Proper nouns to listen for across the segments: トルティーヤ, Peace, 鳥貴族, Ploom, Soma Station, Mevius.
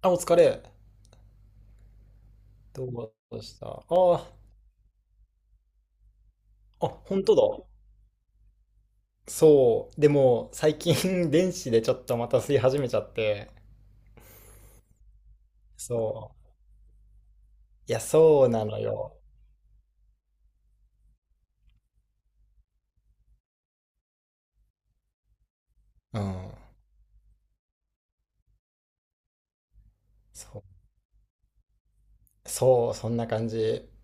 あ、お疲れ。どうしたあ、本当だ。そう。でも、最近 電子でちょっとまた吸い始めちゃって。そう。いや、そうなのよ。うん。そう。そう、そんな感じ。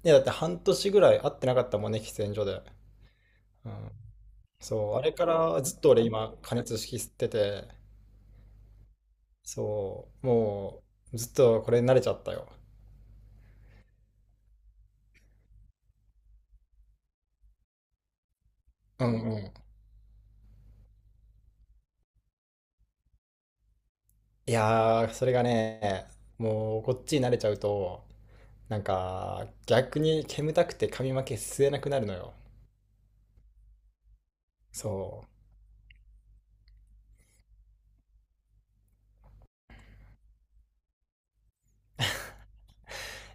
いや、だって半年ぐらい会ってなかったもんね、喫煙所で。うん。そう。あれからずっと俺今、加熱式吸ってて、そう。もう、ずっとこれに慣れちゃったよ。うんうん。いやー、それがね、もうこっちに慣れちゃうと、逆に煙たくて髪の毛吸えなくなるのよ。そう。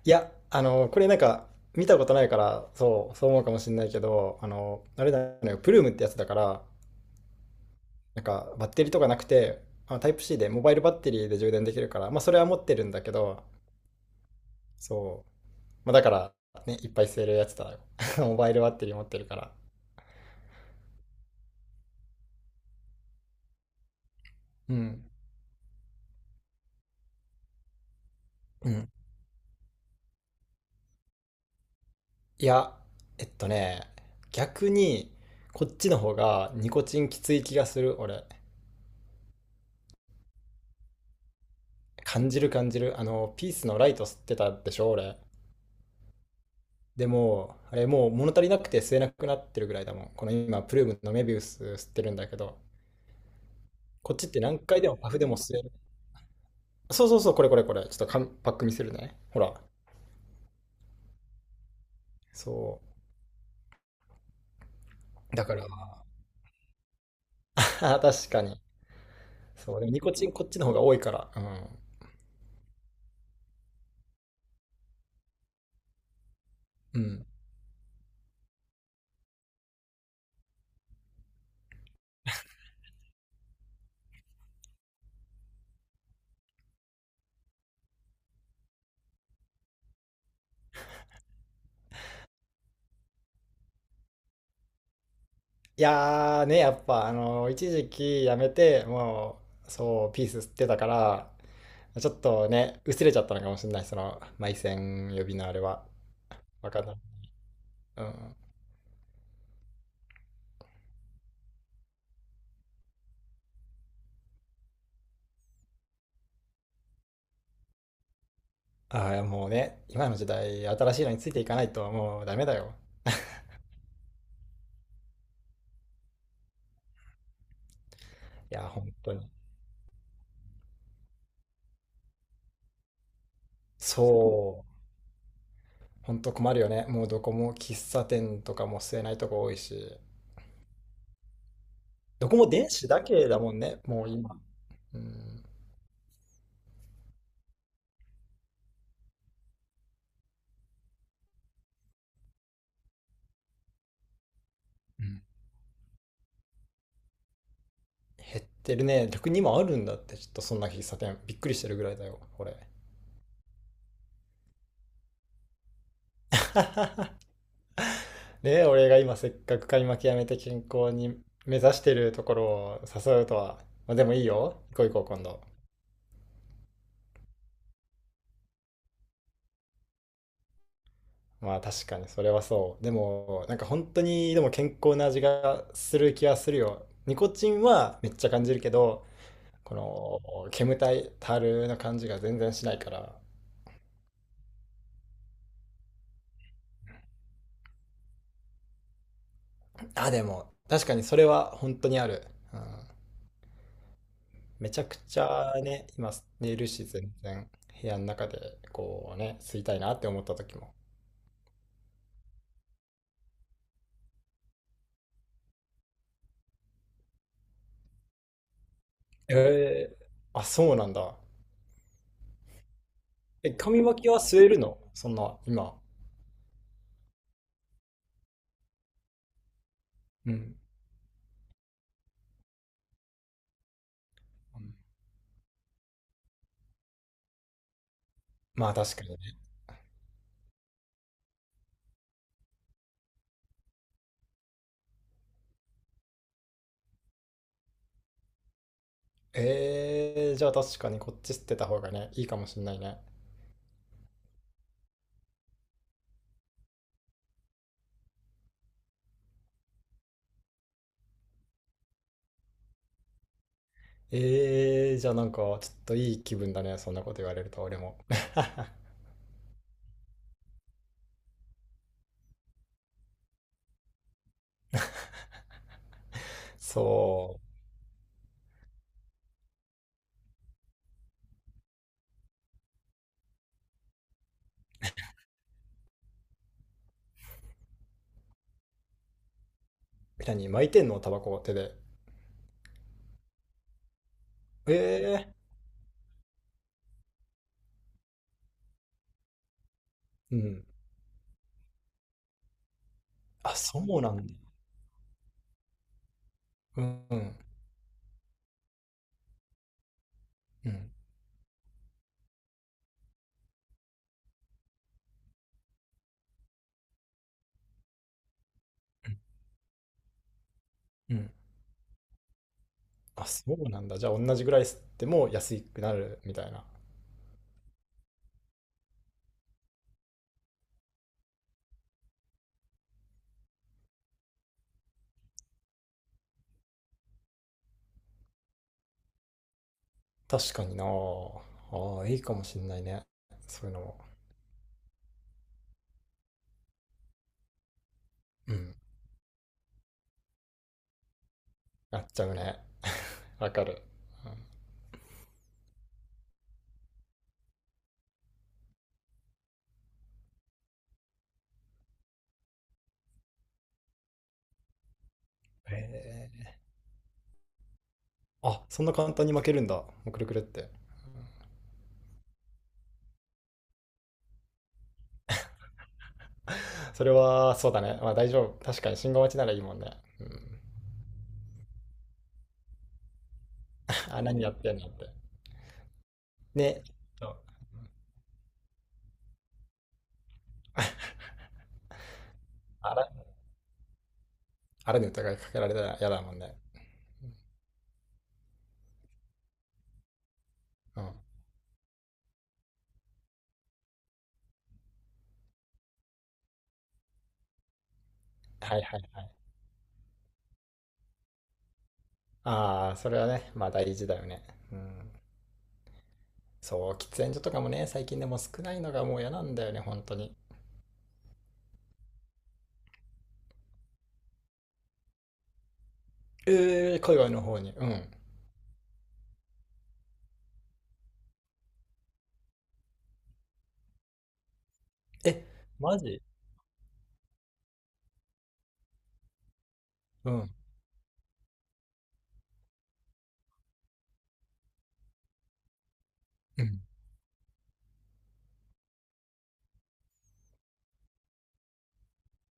いや、これなんか、見たことないから、そう、そう思うかもしれないけど、あれだよね、プルームってやつだから、バッテリーとかなくて、まあタイプ C で、モバイルバッテリーで充電できるから、まあ、それは持ってるんだけど、そう。まあ、だから、ね、いっぱい吸えるやつだよ モバイルバッテリー持ってるから。うん。うん。いや、えっとね、逆に、こっちの方がニコチンきつい気がする、俺。感じる感じる。あの、ピースのライト吸ってたでしょ、俺。でも、あれもう物足りなくて吸えなくなってるぐらいだもん。この今、プルームのメビウス吸ってるんだけど、こっちって何回でもパフでも吸える。そうそうそう、これこれこれ。ちょっとかんパック見せるね。ほら。そう。だから 確かに。そう。でもニコチンこっちの方が多いから。うん。うん。いやーね、やっぱ、一時期やめて、もう、そう、ピース吸ってたから、ちょっとね、薄れちゃったのかもしれない、その、埋線呼びのあれは。わかんない。うん。ああ、もうね、今の時代、新しいのについていかないと、もうダメだよ。いや、本当に。そう、本当困るよね。もうどこも喫茶店とかも吸えないとこ多いし、どこも電子だけだもんね、もう今。うん。うん。減ってるね。逆に今あるんだって、ちょっとそんな喫茶店。びっくりしてるぐらいだよ、これ。で、俺が今せっかく買い負けやめて健康に目指してるところを誘うとは。まあでもいいよ。行こう行こう、今度。まあ確かにそれはそう。でも、なんか本当にでも健康な味がする気はするよ。ニコチンはめっちゃ感じるけど、この煙たいたるの感じが全然しないから。あ、でも確かにそれは本当にある。うん。めちゃくちゃね、今寝るし、全然部屋の中でこうね、吸いたいなって思った時も。えー、あ、そうなんだ。え、紙巻きは吸えるのそんな、今？うん。うん。まあ確かにね。えー、じゃあ確かにこっち吸ってた方がね、いいかもしんないね。えー、じゃあなんかちょっといい気分だね、そんなこと言われると俺も。そう。何、巻いてんのタバコを手で？ええ。うん。あ、そうなんだ。うん。うん。うん。あ、そうなんだ。じゃあ、同じぐらい吸っても安くなるみたいな。確かにな。ああ、いいかもしんないね。そういうのも。うん。やっちゃうね。わかる。うん。へえ。あ、そんな簡単に負けるんだ。もうくるくるって。それは、そうだね。まあ大丈夫。確かに信号待ちならいいもんね。うん。あ、何やってんのって。ね。そう。 あら、あらに疑いかけられたら嫌だもんね。うん。はいはいはい。ああ、それはね、まあ大事だよね。うん。そう、喫煙所とかもね、最近でも少ないのがもう嫌なんだよね、本当に。えー、海外の方に。うん。え、マジ？うん。うん。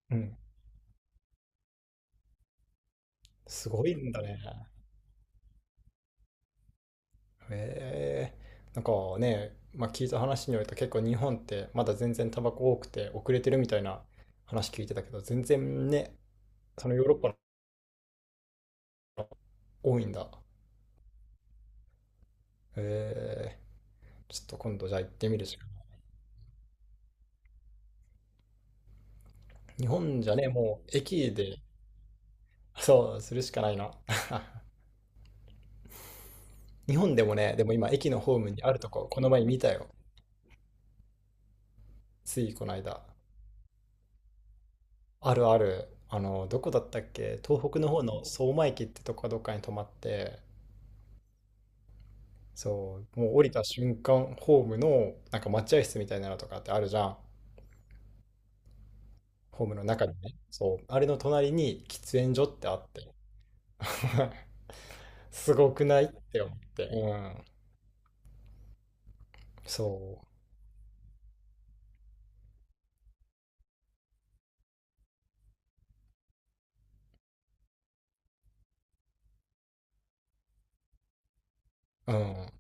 うん。すごいんだね。へえー、なんかね、まあ、聞いた話によると結構日本ってまだ全然タバコ多くて遅れてるみたいな話聞いてたけど、全然ね、そのヨーロッパの方が多いんだ。へえー、ちょっと今度じゃあ行ってみるしか。日本じゃね、もう駅で、そう、するしかないな。日本でもね、でも今駅のホームにあるとこ、この前見たよ。ついこの間。あるある。どこだったっけ東北の方の相馬駅ってとこかどっかに泊まって、そう、もう降りた瞬間、ホームのなんか待合室みたいなのとかってあるじゃん。ホームの中にね。そう、あれの隣に喫煙所ってあって。すごくないって思って。うん。そう。うん。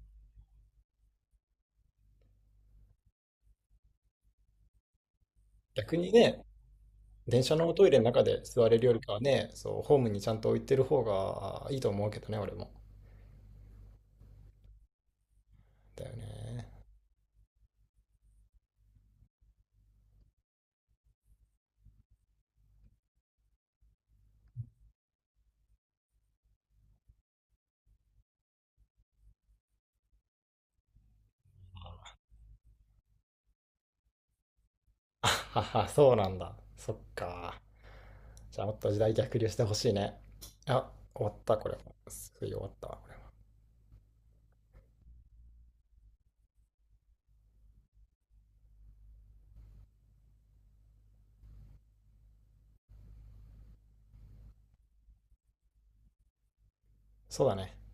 逆にね、電車のトイレの中で座れるよりかはね、そう、ホームにちゃんと置いてる方がいいと思うけどね、俺も。だよね。あはは、そうなんだ。そっか。じゃあもっと時代逆流してほしいね。あ、終わった、これは。すぐ終わったわ、これは。そうだね。